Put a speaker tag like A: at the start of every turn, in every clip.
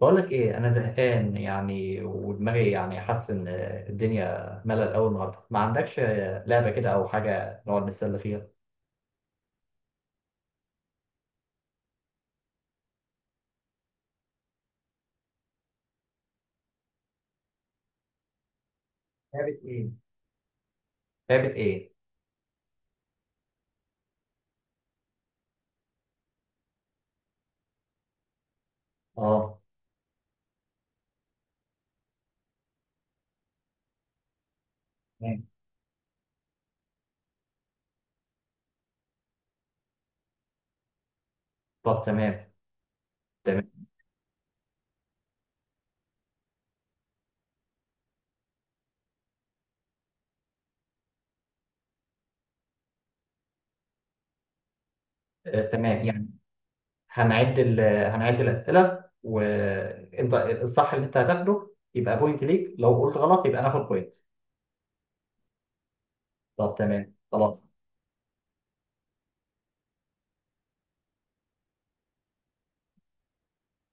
A: بقول لك ايه، انا زهقان يعني، ودماغي يعني حاسس ان الدنيا ملل. اول النهارده ما عندكش لعبه كده او حاجه نقعد نتسلى فيها. لعبة ايه؟ لعبه ايه؟ اه، تمام. طب تمام، تمام. آه تمام يعني. هنعد ال... هنعد الاسئله، وانت الصح اللي انت هتاخده يبقى بوينت ليك، لو قلت غلط يبقى ناخد بوينت. طب تمام خلاص.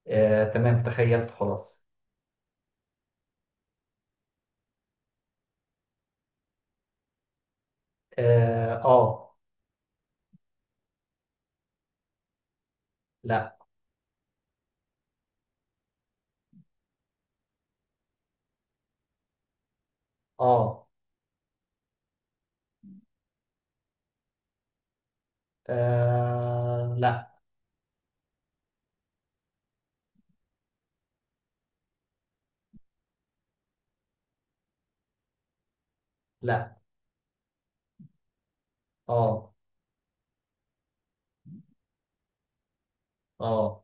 A: آه تمام تخيلت خلاص. اه، لا. اه، لا. لا. اه. اه.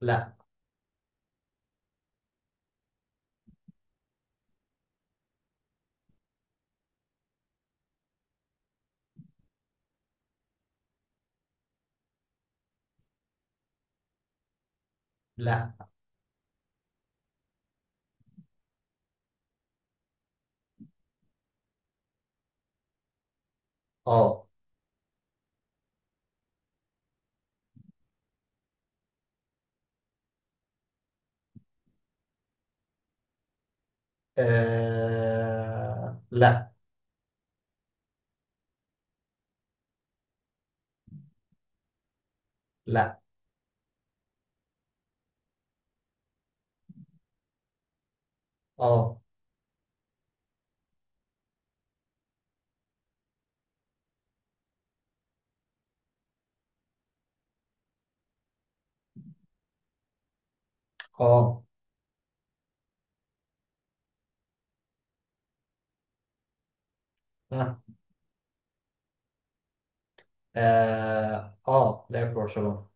A: لا. لا. اه. لا. لا. اه. اه. اه. اه، لعب في برشلونة.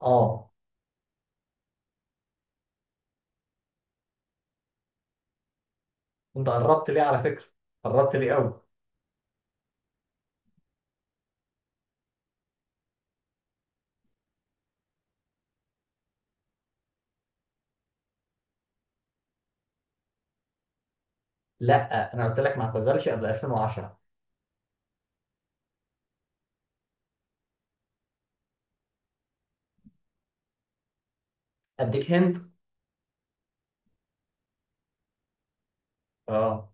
A: اه، انت قربت ليه على فكرة، قربت ليه قوي. لا، انا قلت لك ما اعتزلش قبل 2010. اديك هند. اه،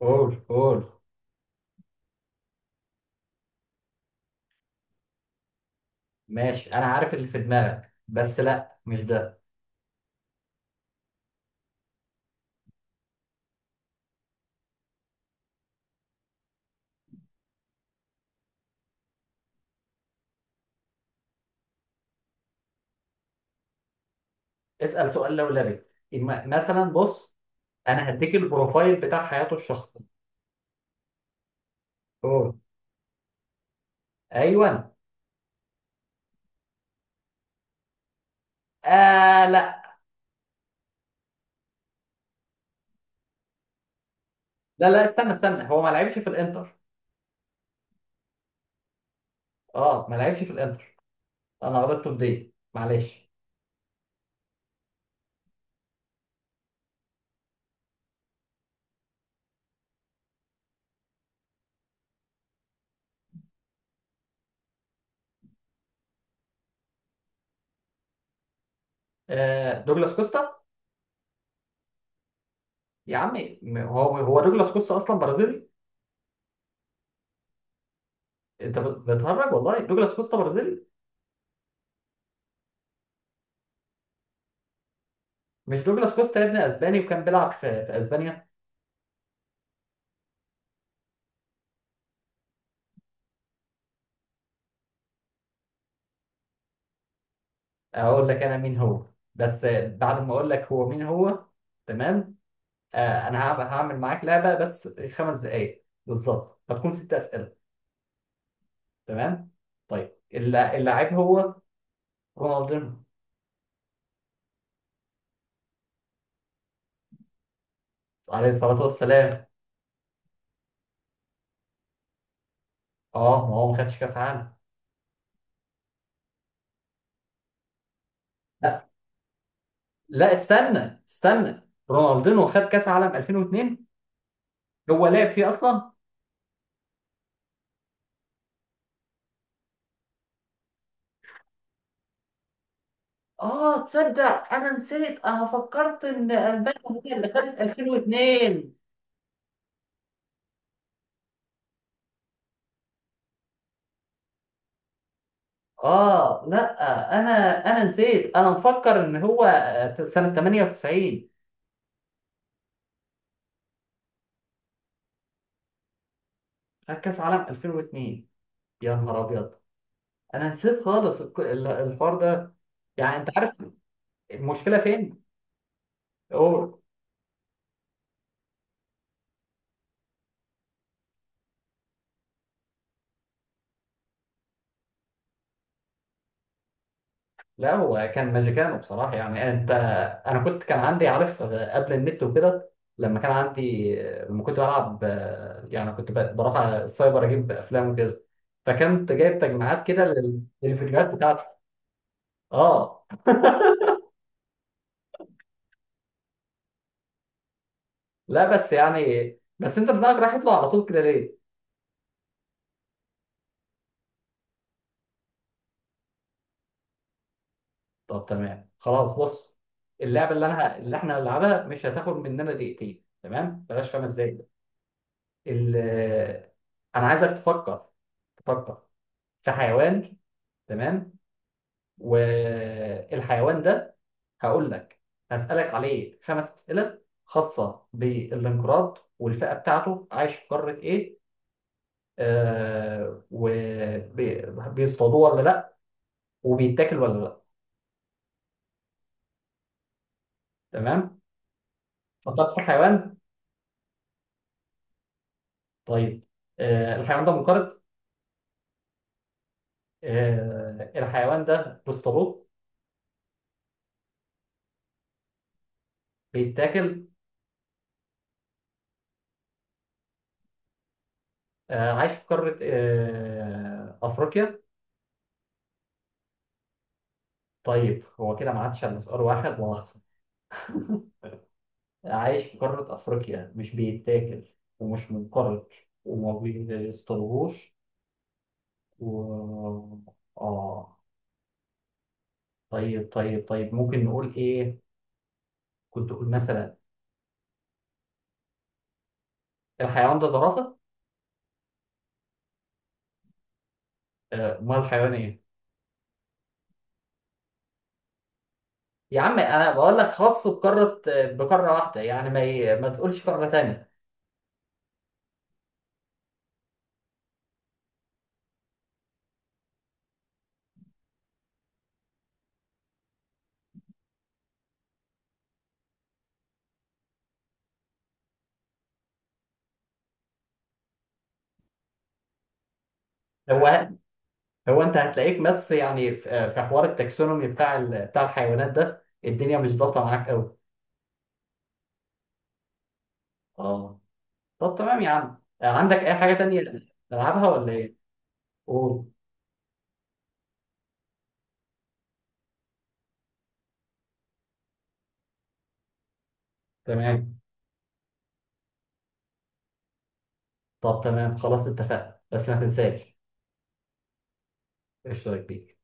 A: قول قول. ماشي، انا عارف اللي في دماغك، بس لا، مش ده. اسأل سؤال لولبي. مثلا بص، انا هديك البروفايل بتاع حياته الشخصية. قول. ايوه. آه لا. لا لا، استنى استنى، هو ما لعبش في الانتر. اه، ما لعبش في الانتر. انا غلطت في دي، معلش. آه دوجلاس كوستا. يا عمي، هو دوجلاس كوستا اصلا برازيلي. انت بتهرج، والله دوجلاس كوستا برازيلي. مش دوجلاس كوستا يا ابني اسباني، وكان بيلعب في اسبانيا. اقول لك انا مين هو، بس بعد ما اقول لك هو مين هو. تمام. آه، انا هعمل معاك لعبه بس 5 دقائق بالظبط، هتكون 6 اسئله. تمام. طيب، اللاعب هو رونالدينو. عليه الصلاه والسلام. اه، ما هو ما خدش كاس عالم. لا، لا استنى استنى، رونالدينو خد كاس عالم 2002؟ هو لعب فيه اصلا؟ اه تصدق انا نسيت، انا فكرت ان البانيا هي اللي خدت 2002. اه لا، انا انا نسيت، انا مفكر ان هو سنة 98 خد كاس عالم 2002. يا نهار ابيض، انا نسيت خالص الحوار ده. يعني انت عارف. المشكلة فين؟ هو لا، هو كان ماجيكانو بصراحة. يعني انت، انا كنت، كان عندي، عارف قبل النت وكده، لما كان عندي، لما كنت بلعب، يعني كنت بروح على السايبر اجيب افلام وكده، فكنت جايب تجميعات كده للفيديوهات بتاعتي. اه. لا، بس يعني، بس انت دماغك رايح يطلع على طول كده ليه؟ طب تمام خلاص، بص. اللعبة اللي انا، اللي احنا هنلعبها مش هتاخد مننا دقيقتين، تمام؟ بلاش 5 دقايق. ال- انا عايزك تفكر، تفكر في حيوان، تمام؟ والحيوان ده هقول لك، هسألك عليه 5 أسئلة خاصة بالانقراض، والفئة بتاعته، عايش في قارة إيه، وبيصطادوه ولا لأ، وبيتاكل ولا لأ. تمام. فكرت في الحيوان؟ طيب. آه، الحيوان ده منقرض؟ آه، الحيوان ده بيصطادوه؟ بيتاكل؟ آه، عايش في قارة، أفريقيا؟ طيب، هو كده ما عادش على سؤال واحد ولا؟ عايش في قارة أفريقيا، مش بيتاكل، ومش منقرض، وما بيصطادوهوش، و آه طيب طيب طيب، ممكن نقول إيه؟ كنت أقول مثلا، الحيوان ده زرافة؟ أمال الحيوان إيه؟ يا عم أنا بقول لك خاص بقارة، بقارة واحدة، يعني ما تقولش قارة تانية. هو هو أنت هتلاقيك، بس يعني في حوار التاكسونومي بتاع بتاع الحيوانات ده، الدنيا مش ظابطة معاك أوي. آه. طب تمام يا عم، عندك أي حاجة تانية نلعبها ولا إيه؟ قول. تمام. طب تمام خلاص، اتفقنا، بس ما تنساش. اشترك بيه.